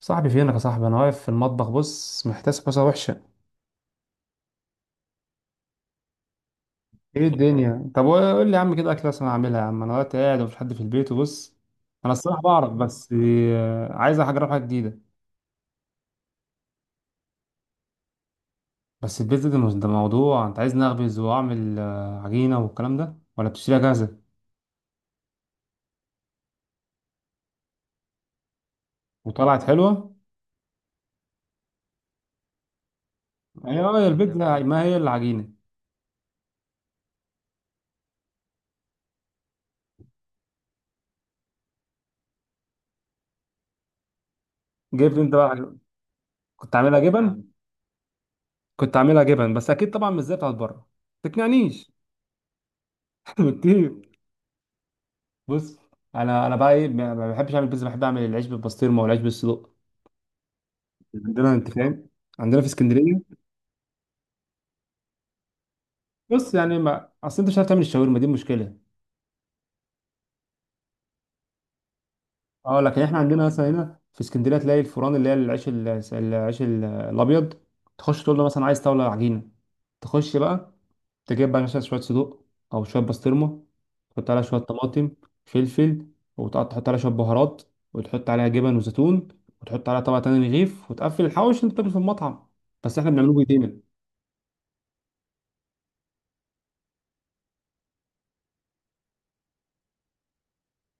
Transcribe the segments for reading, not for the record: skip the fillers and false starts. صاحبي، فينك يا صاحبي؟ انا واقف في المطبخ. بص، محتاس حوسه وحشه. ايه الدنيا؟ طب قول لي يا عم كده اكله انا اعملها. يا عم، انا دلوقتي قاعد ومفيش حد في البيت وبص. انا الصراحه بعرف، بس عايز اجرب حاجه جديده. بس البيتزا ده ده موضوع. انت عايز نخبز واعمل عجينه والكلام ده، ولا بتشتريها جاهزه؟ وطلعت حلوه؟ ايوه، هي البيتزا ما هي الا عجينه. جبت انت بقى عجينة. كنت عاملها جبن. كنت عاملها جبن، بس اكيد طبعا مش زي بتاعت بره. تقنعنيش. بكتير. بص، انا بقى ايه، ما بحبش اعمل بيتزا. بحب اعمل العيش بالبسطرمه والعيش بالصدق. عندنا، انت فاهم، عندنا في اسكندريه. بص يعني، ما اصل انت مش عارف تعمل الشاورما، دي مشكله. اه لكن احنا عندنا مثلا هنا في اسكندريه تلاقي الفران، اللي هي العيش العيش الابيض. تخش تقول له مثلا عايز طاوله عجينه. تخش بقى. تجيب بقى مثلا شوية صدوق، أو شوية بسطرمة. تحط عليها شوية طماطم، فلفل، وتقعد تحط عليها شوية بهارات، وتحط عليها جبن وزيتون، وتحط عليها طبقة تانية رغيف، وتقفل الحوش اللي أنت بتاكله في المطعم. بس إحنا بنعمله بإيدينا.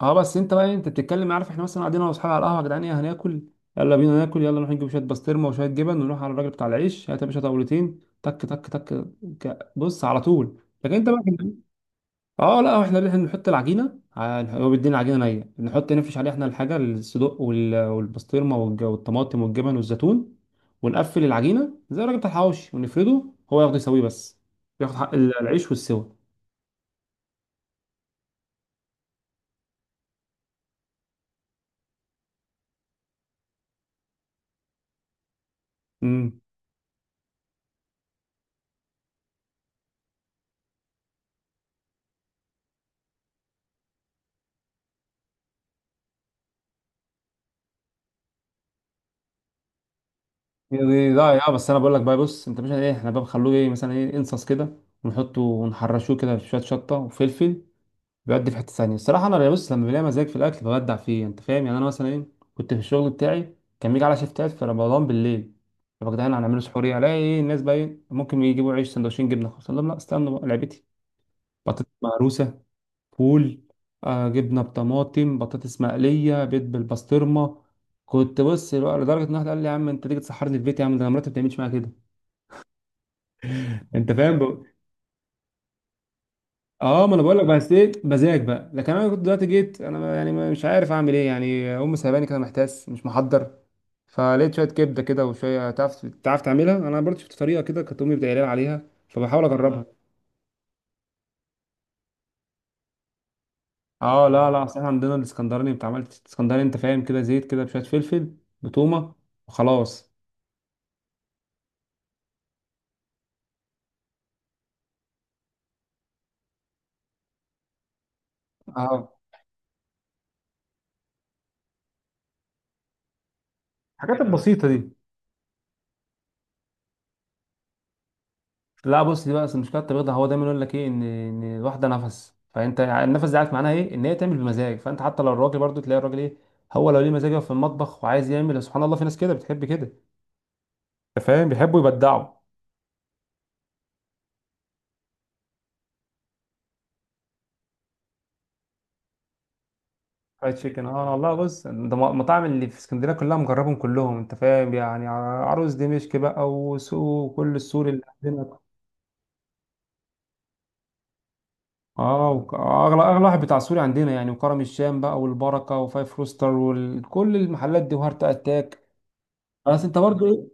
أه بس أنت بقى إيه، أنت بتتكلم، عارف إحنا مثلا قاعدين أنا وأصحابي على القهوة، يا جدعان إيه هناكل؟ يلا بينا ناكل، يلا نروح نجيب شوية بسطرمة وشوية جبن ونروح على الراجل بتاع العيش. هات يا باشا طاولتين، تك تك تك. بص على طول. لكن أنت بقى، اه لا، احنا بنحط العجينه هو بيدينا العجينه نيه، بنحط نفرش عليها احنا الحاجه، الصدق والبسطرمه والطماطم والجبن والزيتون، ونقفل العجينه زي الراجل بتاع الحواوشي ونفرده. هو ياخد يسويه بس، ياخد حق العيش والسوى. امم. لا يا، بس انا بقول لك بقى، بص انت مش ايه، احنا بقى بنخلوه ايه، مثلا ايه، انصص كده، ونحطه ونحرشوه كده في شويه شطه وفلفل. بيودي في حتة ثانية الصراحة. أنا بص، لما بلاقي مزاج في الأكل ببدع فيه، أنت فاهم يعني. أنا مثلا إيه، كنت في الشغل بتاعي كان بيجي على شيفتات في رمضان بالليل. طب يا جدعان، هنعمله سحور إيه؟ ألاقي إيه الناس بقى، إيه ممكن يجيبوا عيش سندوتشين جبنة خلاص. أقول لهم لا، استنوا بقى، لعبتي. بطاطس مهروسة، فول، آه جبنة بطماطم، بطاطس مقلية، بيض بالبسطرمة. كنت بص لدرجة إن واحد قال لي يا عم، أنت تيجي تسحرني في بيتي، يا عم ده أنا مراتي ما بتعملش معايا كده. أنت فاهم. اه ما انا بقول لك، بس ايه، مزاج بقى. لكن انا كنت دلوقتي جيت انا، يعني مش عارف اعمل ايه يعني، امي سايباني كده محتاس مش محضر. فلقيت شويه كبده كده وشويه، تعرف تعملها، انا برضه شفت طريقه كده كانت امي بتقول لي عليها، فبحاول اجربها. اه لا لا، اصل احنا عندنا الاسكندراني. انت عملت اسكندراني؟ انت فاهم كده، زيت كده بشويه فلفل، بتومه، وخلاص. اه الحاجات البسيطه دي. لا بص، دي بقى أصل مشكله التبغيض ده. هو دايما يقول لك ايه، ان الواحده نفس، فانت يعني النفس ده، عارف معناها ايه، ان هي تعمل بمزاج. فانت حتى لو الراجل، برضو تلاقي الراجل ايه، هو لو ليه مزاج يقف في المطبخ وعايز يعمل. سبحان الله، في ناس كده بتحب كده. انت فاهم، بيحبوا يبدعوا. فرايد تشيكن، اه والله بص، ده مطاعم اللي في اسكندريه كلها مجربهم كلهم. انت فاهم يعني، عروس دمشق بقى، وسوق كل السوري اللي عندنا. اه اغلى واحد بتاع سوري عندنا يعني، وكرم الشام بقى، والبركه، وفايف روستر، وكل المحلات دي، وهارت اتاك. بس انت برضو،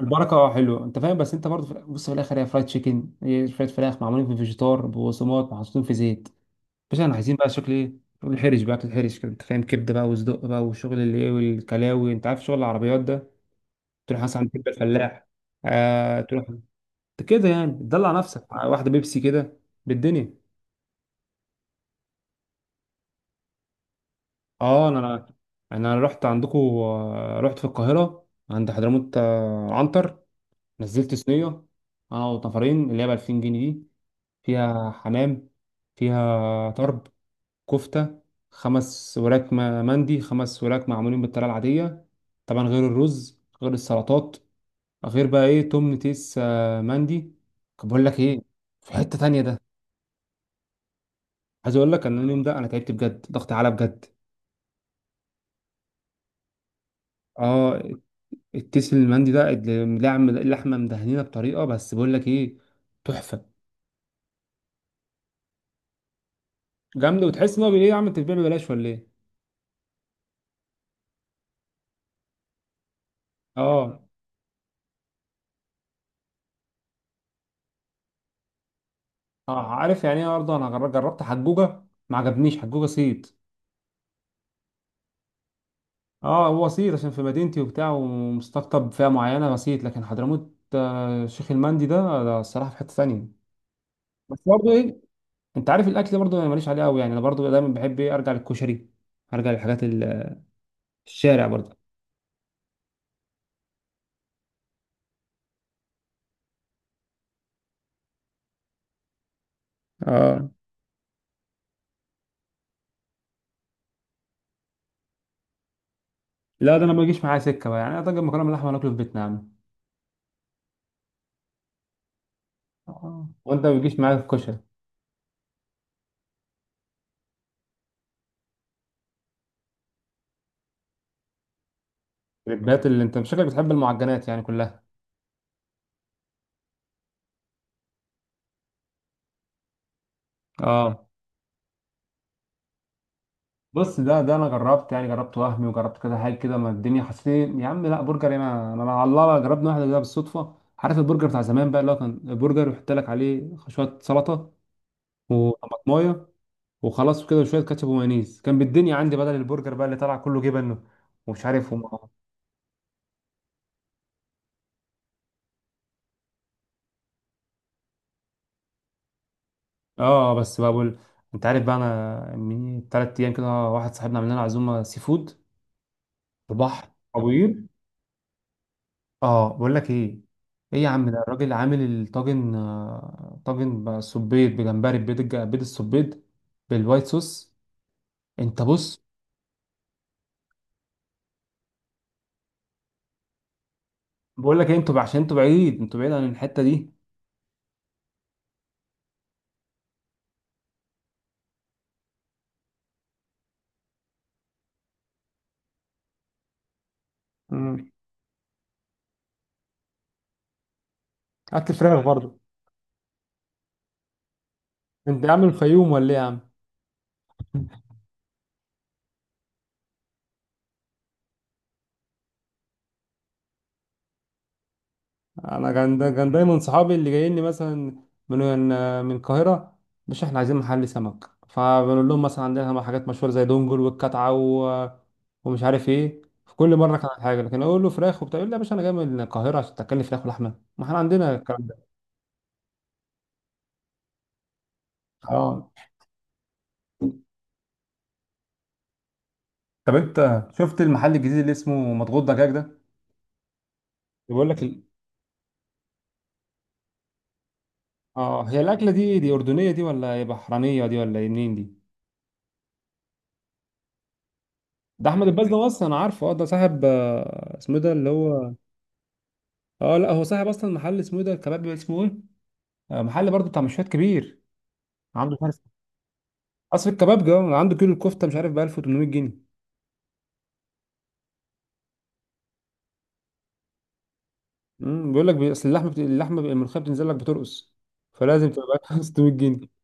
البركه حلوه، انت فاهم. بس انت برضه في بص في الاخر، هي فرايد تشيكن هي شويه فراخ معمولين في فيجيتار ببصمات محطوطين في زيت. بس احنا عايزين بقى شكل ايه، شغل الحرش بقى، اكل حرش كده، انت فاهم. كبده بقى، وصدق بقى، والشغل اللي ايه، والكلاوي، انت عارف شغل العربيات ده. تروح مثلا عند كبده الفلاح. آه تروح، انت كده يعني تدلع نفسك مع واحده بيبسي كده، بالدنيا. اه انا، انا رحت عندكم. رحت في القاهره عند حضرموت، عنتر. نزلت صينيه، اه وطفرين، اللي هي ب 2000 جنيه دي. فيها حمام، فيها طرب، كفتة، خمس وراك مندي. خمس وراك معمولين بالطريقة العادية. طبعا غير الرز، غير السلطات، غير بقى ايه، توم تيس، مندي. طب بقول لك ايه، في حتة تانية ده. عايز اقول لك ان اليوم ده انا تعبت بجد، ضغط اعلى بجد. اه التيس المندي ده اللحمة مدهنينة بطريقة، بس بقول لك ايه، تحفة. جامدة، وتحس ان هو ايه يا عم، انت بتبيع ببلاش ولا ايه؟ اه. اه عارف يعني ايه، برضه انا جربت حجوجه. ما عجبنيش حجوجه صيت. اه، هو صيت عشان في مدينتي وبتاع، ومستقطب فئه معينه صيت. لكن حضرموت، شيخ المندي ده الصراحه في حته ثانيه. بس برضه ايه، انت عارف الاكل، برضه انا ماليش عليه قوي يعني، انا برضه دايما بحب ايه، ارجع للكشري، ارجع للحاجات الشارع برضه. اه لا، ده انا ما بيجيش معايا سكه بقى، يعني انا طاجن مكرونه باللحمه ناكله في بيتنا يا عم. آه. وانت ما بيجيش معاك الكشري؟ البيات اللي انت شكلك بتحب المعجنات يعني كلها. اه بص، ده انا جربت يعني، جربت وهمي، وجربت كذا حاجه كده، ما الدنيا حسيت إيه، يا عم. لا برجر هنا، انا على الله جربنا واحده كده بالصدفه. عارف البرجر بتاع زمان بقى، اللي هو كان برجر يحط لك عليه شويه سلطه، وطماطمايه، وخلاص وكده، وشويه كاتشب ومايونيز. كان بالدنيا عندي بدل البرجر بقى اللي طلع كله جبن، ومش عارف وما. اه بس بقى بقول، انت عارف بقى، انا من ثلاث ايام كده واحد صاحبنا عمل لنا عزومه سي فود في بحر ابو قير. اه بقول لك ايه، ايه يا عم، ده الراجل عامل الطاجن طاجن بالسبيط بجمبري، بيض بيض السبيط بالوايت صوص. انت بص، بقول لك ايه، عشان انتوا بعيد عن الحتة دي. امم. اكل فراخ برضه. انت عامل الفيوم ولا ايه يا عم؟ انا كان دا كان دايما صحابي اللي جايين لي مثلا، من من القاهره. مش احنا عايزين محل سمك، فبنقول لهم مثلا عندنا حاجات مشهوره زي دونجل والكتعه و... ومش عارف ايه، في كل مره كان حاجه. لكن اقول له فراخ وبتاع، يقول لي يا باشا، انا جاي من القاهره عشان تاكلني فراخ ولحمه، ما احنا عندنا الكلام ده. اه طب، انت شفت المحل الجديد اللي اسمه مضغوط دجاج ده؟ بيقول لك ال... اه، هي الاكله دي اردنيه دي، ولا هي بحرانيه دي، ولا إيه منين دي؟ ده احمد الباز ده، اصلا انا عارفه. اه ده صاحب، اسمه إيه ده اللي هو، اه لا هو صاحب اصلا محل اسمه ايه ده، الكباب اسمه ايه، محل برضه بتاع مشويات كبير. عنده مش عارف، اصل الكباب ده عنده كيلو الكفته مش عارف ب 1800 جنيه. امم، بيقول لك اصل اللحمه اللحمه الملوخيه بتنزل لك بترقص، فلازم تبقى 600 جنيه.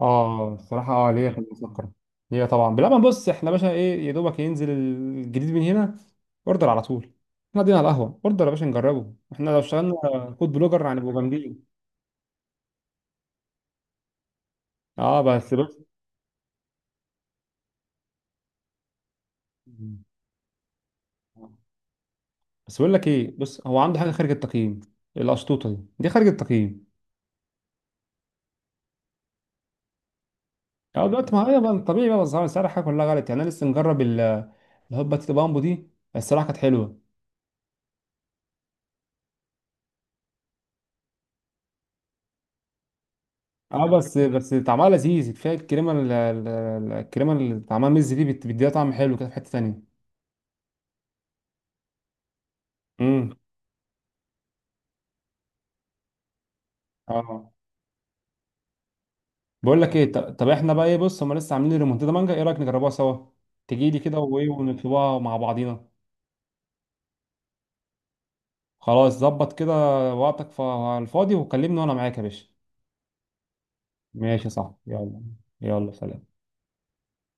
اه الصراحه، اه ليه، خلينا نفكر. هي طبعا لا، ما بص احنا باشا ايه، يا دوبك ينزل الجديد من هنا، اوردر على طول. احنا قاعدين على القهوه، اوردر يا باشا نجربه. احنا لو اشتغلنا فود بلوجر هنبقوا جامدين. اه بس بقول لك ايه، بص هو عنده حاجه خارج التقييم. القشطوطه دي خارج التقييم. اه دلوقتي ما هي بقى طبيعي بقى، اسعار السعر حاجه كلها غلط، يعني انا لسه مجرب الهوبا تيتو بامبو دي، الصراحه كانت حلوه. اه بس طعمها لذيذ كفايه. الكريمه الكريمه اللي طعمها مز دي، بتديها طعم حلو كده، في حته تانيه. امم. اه بقول لك ايه، طب احنا بقى ايه، بص هم لسه عاملين ريمونتادا مانجا، ايه رايك نجربوها سوا؟ تجي لي كده وايه ونطلبوها مع بعضينا. خلاص ظبط كده. وقتك الفاضي وكلمني وانا معاك يا باشا. ماشي صح، يلا. يلا سلام.